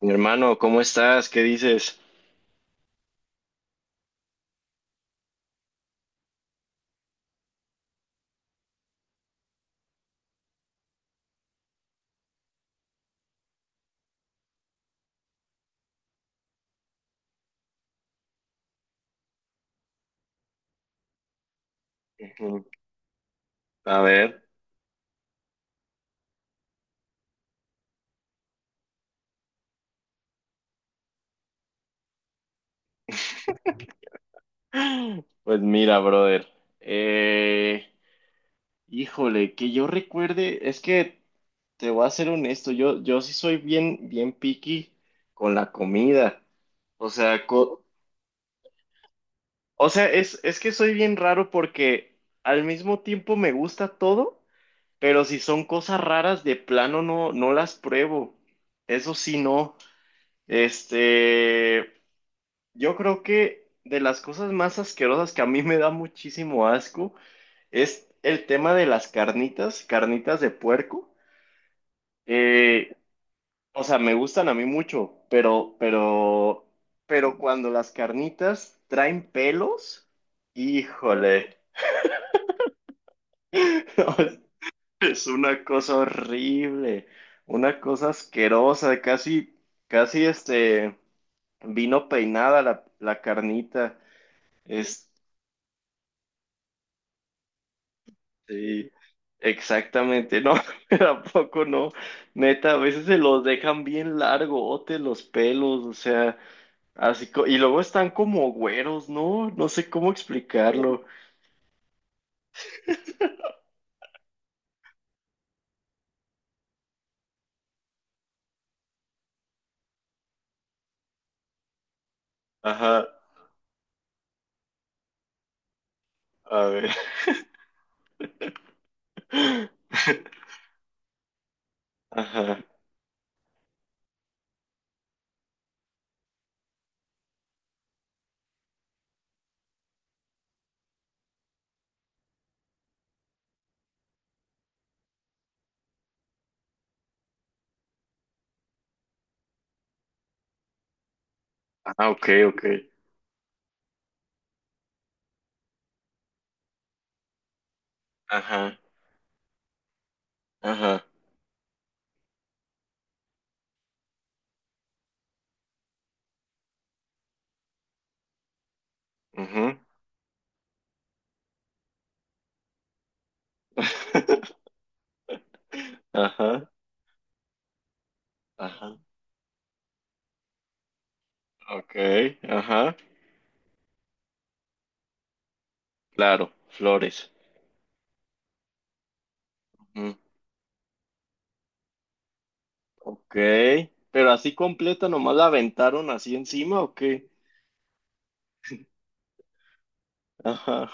Mi hermano, ¿cómo estás? ¿Qué dices? Ujú. A ver, pues mira, brother. Eh, híjole, que yo recuerde, es que te voy a ser honesto, yo sí soy bien picky con la comida. O sea, o sea, es que soy bien raro porque al mismo tiempo me gusta todo, pero si son cosas raras, de plano no las pruebo. Eso sí, no. Este. Yo creo que de las cosas más asquerosas que a mí me da muchísimo asco es el tema de las carnitas, carnitas de puerco. Eh, o sea, me gustan a mí mucho, pero cuando las carnitas traen pelos, híjole, es una cosa horrible, una cosa asquerosa, casi vino peinada la carnita. Sí, exactamente, no, tampoco no, neta, a veces se los dejan bien largotes los pelos, o sea, así, y luego están como güeros, ¿no? No sé cómo explicarlo. Ajá, a ver, ajá, ah, ok, ok, ajá, ajá, ujú. Ajá, ajá, ok, ajá, claro, flores, ujú, ok, pero así completa, nomás la aventaron así encima, ¿o qué? Ajá.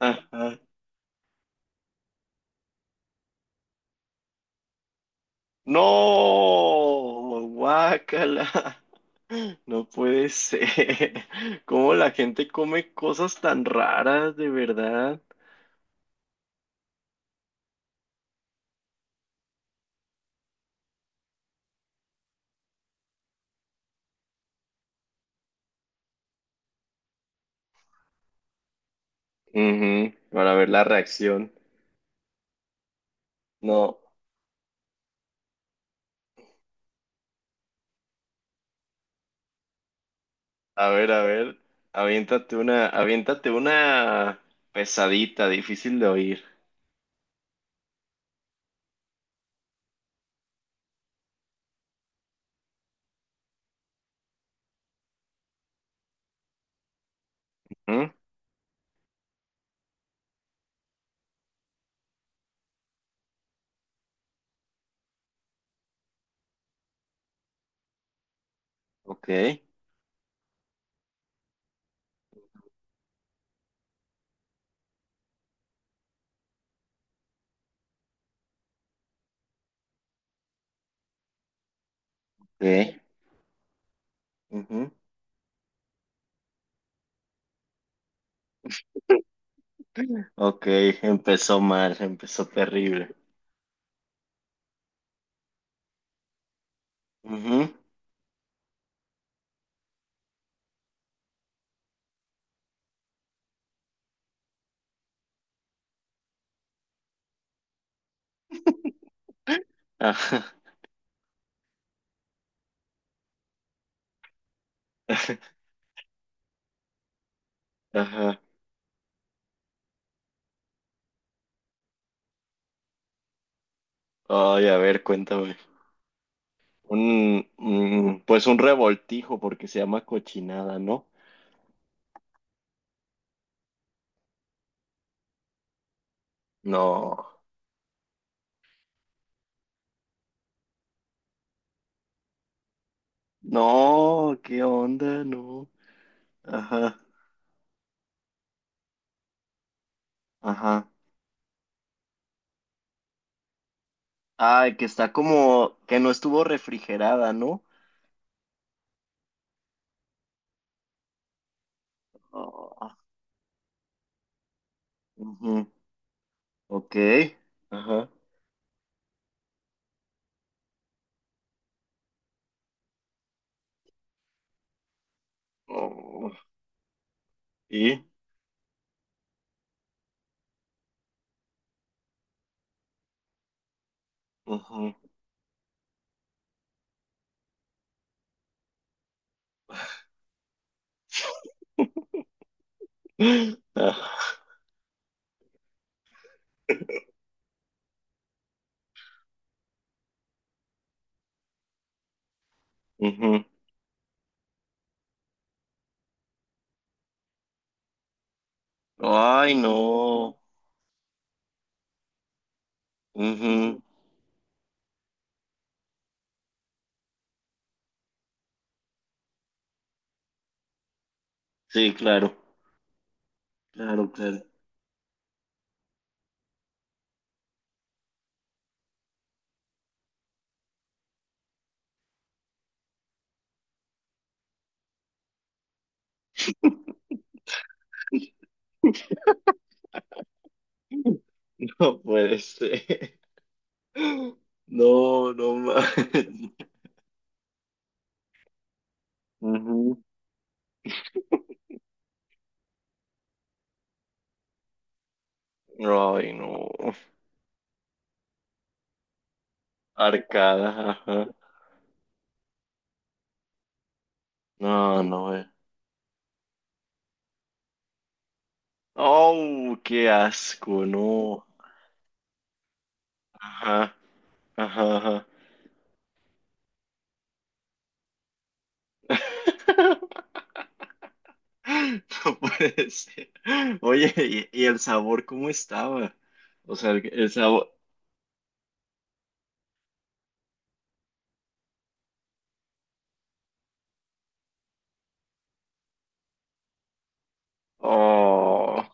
Ajá. No, guácala. No puede ser. ¿Cómo la gente come cosas tan raras, de verdad? Ujú, para ver la reacción. No, a ver, a ver. Aviéntate una pesadita, difícil de oír. Ujú, ok, ok, ujú. Ok, empezó mal, empezó terrible. Ujú, ajá. Ajá. Ay, a ver, cuéntame. Un, pues un revoltijo porque se llama cochinada, ¿no? No. No, ¿qué onda? No. Ajá. Ajá. Ay, que está como que no estuvo refrigerada, ¿no? Ah, ujú. Ok. Ajá. Oh, y ujú. Ah, ujú. Ay, no. Ujú. Sí, claro. Claro, claro. No puede ser. No, no más. Ujú. Ay, no. Arcada, ajá. No, no, eh. Oh, qué asco, no. Ajá, ajá, ajá. No puede ser. Oye, ¿ y el sabor cómo estaba? O sea, el sabor. Oh,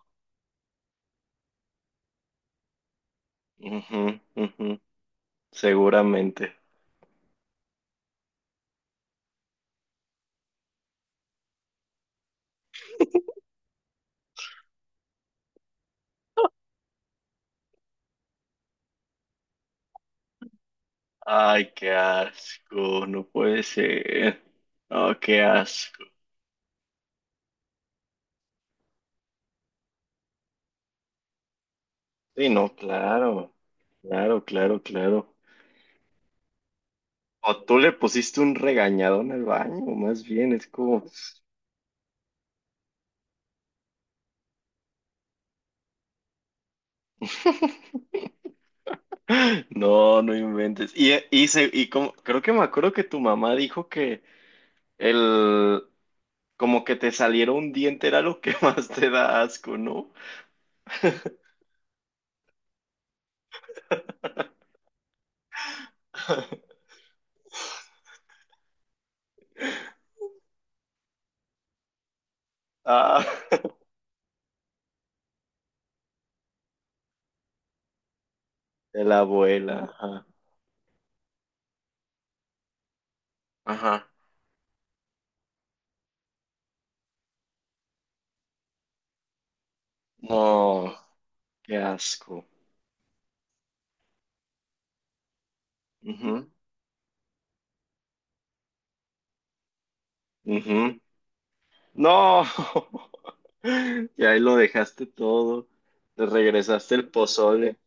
ujú, seguramente. Ay, qué asco, no puede ser. Oh, qué asco. Sí, no, claro, claro, claro, claro. O tú le pusiste un regañadón al baño, más bien, es no, no inventes. Creo que me acuerdo que tu mamá dijo que el, como que te saliera un diente era lo que más te da asco, ¿no? Ah, de la abuela, ajá. Ajá. No, qué asco. Ujú, ujú. No, y ahí lo dejaste todo, te regresaste el pozole.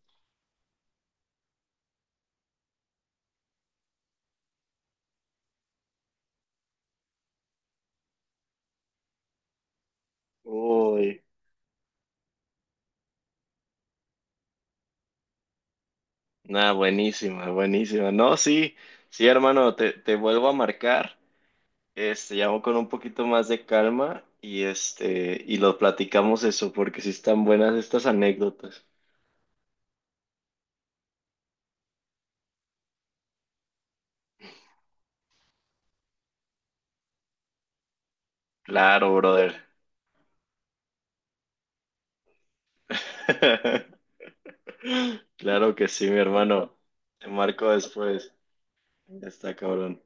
Uy, nada, buenísima, buenísima. No, sí, sí, hermano, te vuelvo a marcar, llamo con un poquito más de calma y este, y lo platicamos eso, porque sí están buenas estas anécdotas. Claro, brother. Claro que sí, mi hermano. Te marco después. Ya está cabrón.